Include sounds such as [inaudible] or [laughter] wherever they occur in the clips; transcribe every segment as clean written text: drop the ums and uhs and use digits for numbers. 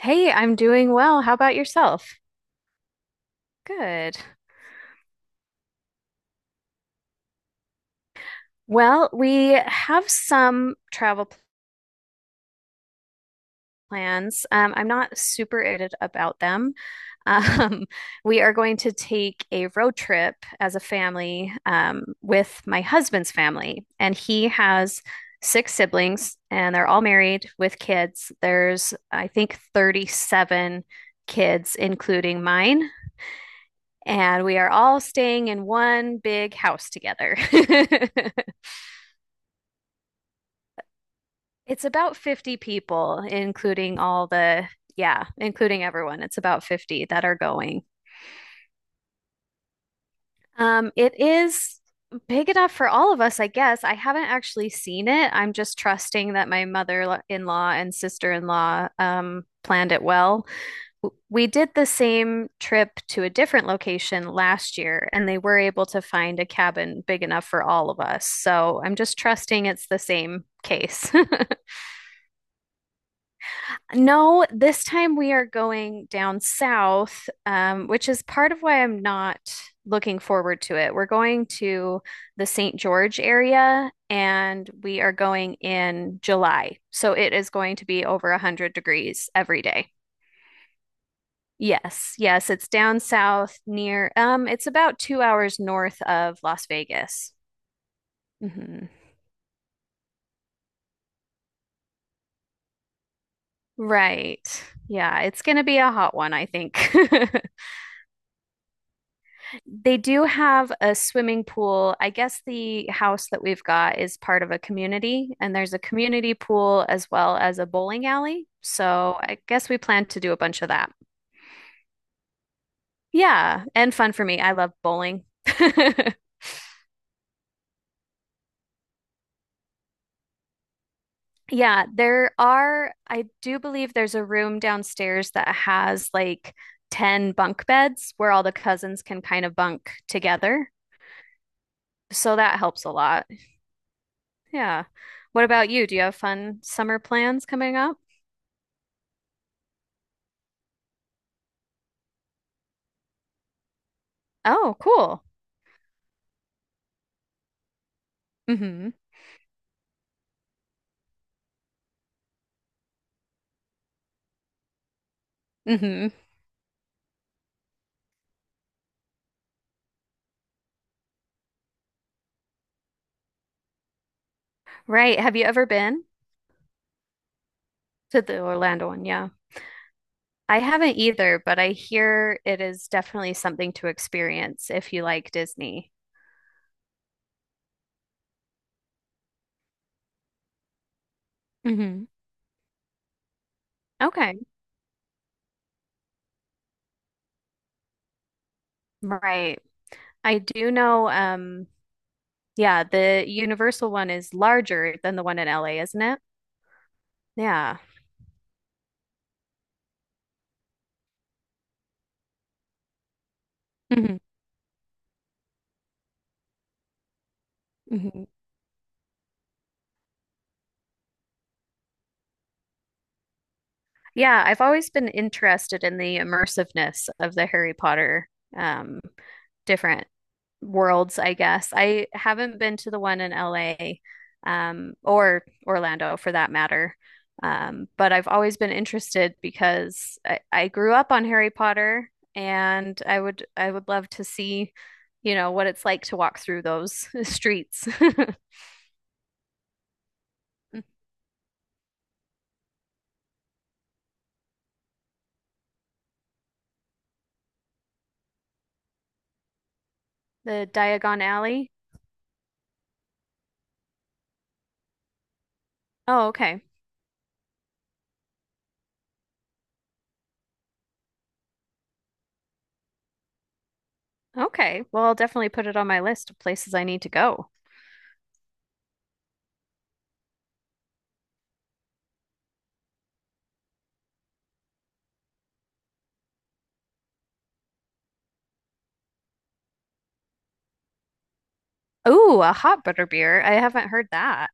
Hey, I'm doing well. How about yourself? Good. Well, we have some travel plans. I'm not super excited about them. Um, [laughs] we are going to take a road trip as a family with my husband's family, and he has 6 siblings, and they're all married with kids. There's, I think, 37 kids, including mine. And we are all staying in one big house together. [laughs] It's about 50 people, including all the, yeah, including everyone. It's about 50 that are going. It is big enough for all of us, I guess. I haven't actually seen it. I'm just trusting that my mother-in-law and sister-in-law planned it well. We did the same trip to a different location last year, and they were able to find a cabin big enough for all of us. So I'm just trusting it's the same case. [laughs] No, this time we are going down south, which is part of why I'm not looking forward to it. We're going to the St. George area and we are going in July. So it is going to be over 100 degrees every day. Yes, yes, it's down south near, it's about 2 hours north of Las Vegas. Hmm. Right. Yeah, it's going to be a hot one, I think. [laughs] They do have a swimming pool. I guess the house that we've got is part of a community, and there's a community pool as well as a bowling alley. So I guess we plan to do a bunch of that. Yeah, and fun for me. I love bowling. [laughs] Yeah, there are, I do believe there's a room downstairs that has like 10 bunk beds where all the cousins can kind of bunk together. So that helps a lot. Yeah. What about you? Do you have fun summer plans coming up? Oh, cool. Mm-hmm. Mm-hmm. Right. Have you ever been to the Orlando one? Yeah. I haven't either, but I hear it is definitely something to experience if you like Disney. Hmm. Okay. Right. I do know Yeah, the Universal one is larger than the one in LA, isn't it? Yeah. Hmm. Hmm. Yeah, I've always been interested in the immersiveness of the Harry Potter um, different worlds, I guess. I haven't been to the one in LA or Orlando for that matter. But I've always been interested because I grew up on Harry Potter and I would love to see, what it's like to walk through those [laughs] streets. [laughs] The Diagon Alley. Oh, okay. Okay. Well, I'll definitely put it on my list of places I need to go. Ooh, a hot butter beer. I haven't heard that.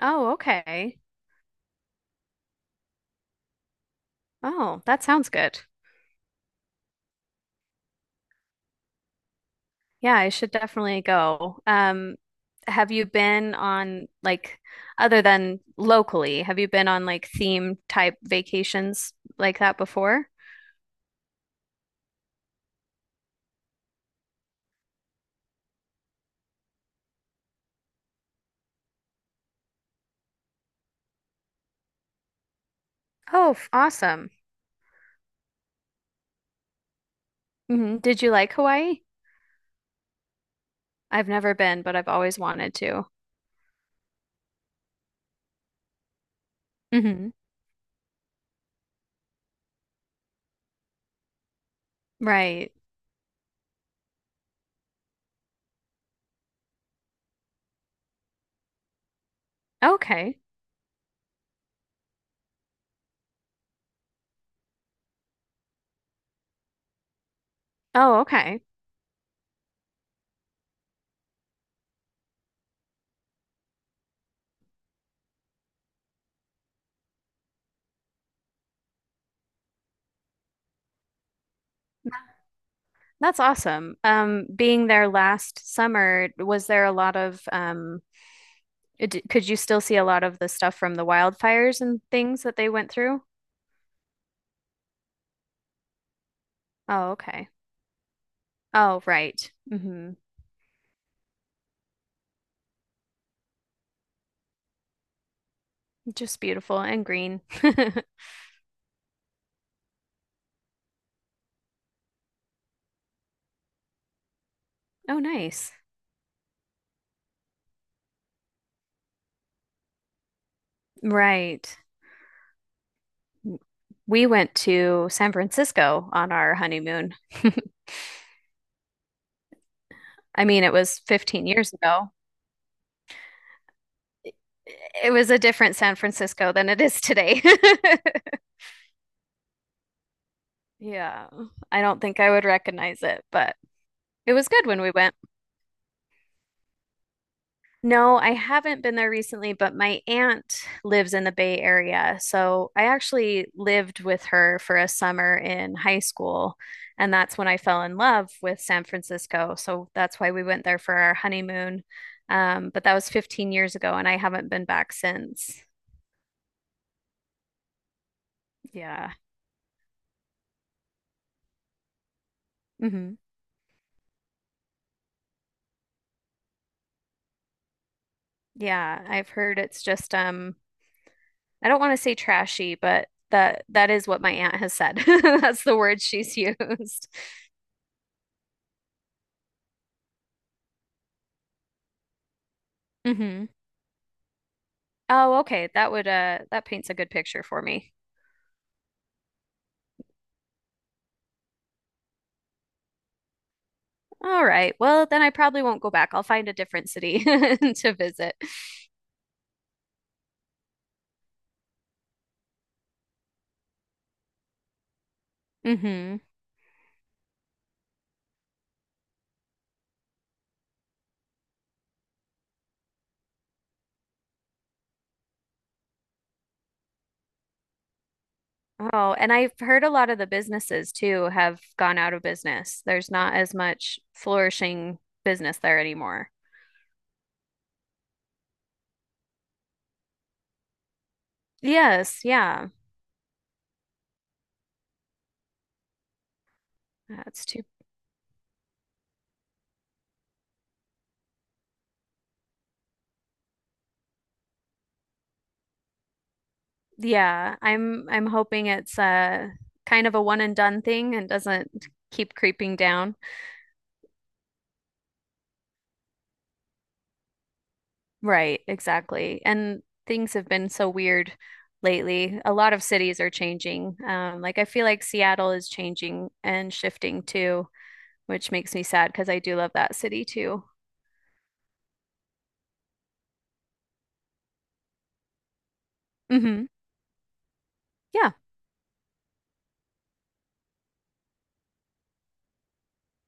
Oh, okay. Oh, that sounds good. Yeah, I should definitely go. Have you been on like other than locally, have you been on like theme type vacations like that before? Oh, awesome. Hmm. Did you like Hawaii? I've never been, but I've always wanted to. Hmm. Right. Okay. Oh, okay. That's awesome. Being there last summer, was there a lot of d could you still see a lot of the stuff from the wildfires and things that they went through? Oh, okay. Oh, right. Hmm. Just beautiful and green. [laughs] Oh, nice. Right. We went to San Francisco on our honeymoon. [laughs] I mean, it was 15 years ago. It was a different San Francisco than it is today. [laughs] Yeah. I don't think I would recognize it, but it was good when we went. No, I haven't been there recently, but my aunt lives in the Bay Area. So I actually lived with her for a summer in high school. And that's when I fell in love with San Francisco. So that's why we went there for our honeymoon. But that was 15 years ago, and I haven't been back since. Yeah. Hmm. Yeah. I've heard it's just, I don't want to say trashy, but that that is what my aunt has said. [laughs] That's the word she's used. [laughs] Oh, okay. That would that paints a good picture for me. All right. Well, then I probably won't go back. I'll find a different city [laughs] to visit. Hmm. Oh, and I've heard a lot of the businesses too have gone out of business. There's not as much flourishing business there anymore. Yes, yeah. That's too. Yeah, I'm hoping it's kind of a one and done thing and doesn't keep creeping down. Right, exactly. And things have been so weird lately. A lot of cities are changing. Like I feel like Seattle is changing and shifting too, which makes me sad because I do love that city too. Hmm. Yeah.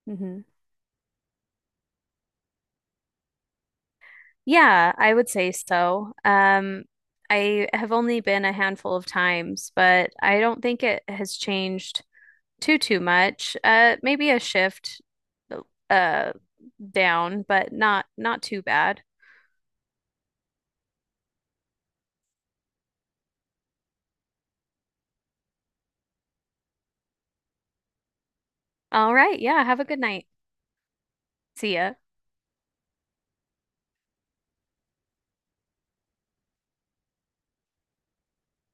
Hmm. Yeah, I would say so. I have only been a handful of times, but I don't think it has changed too much. Maybe a shift uh down, but not too bad. All right. Yeah. Have a good night. See ya.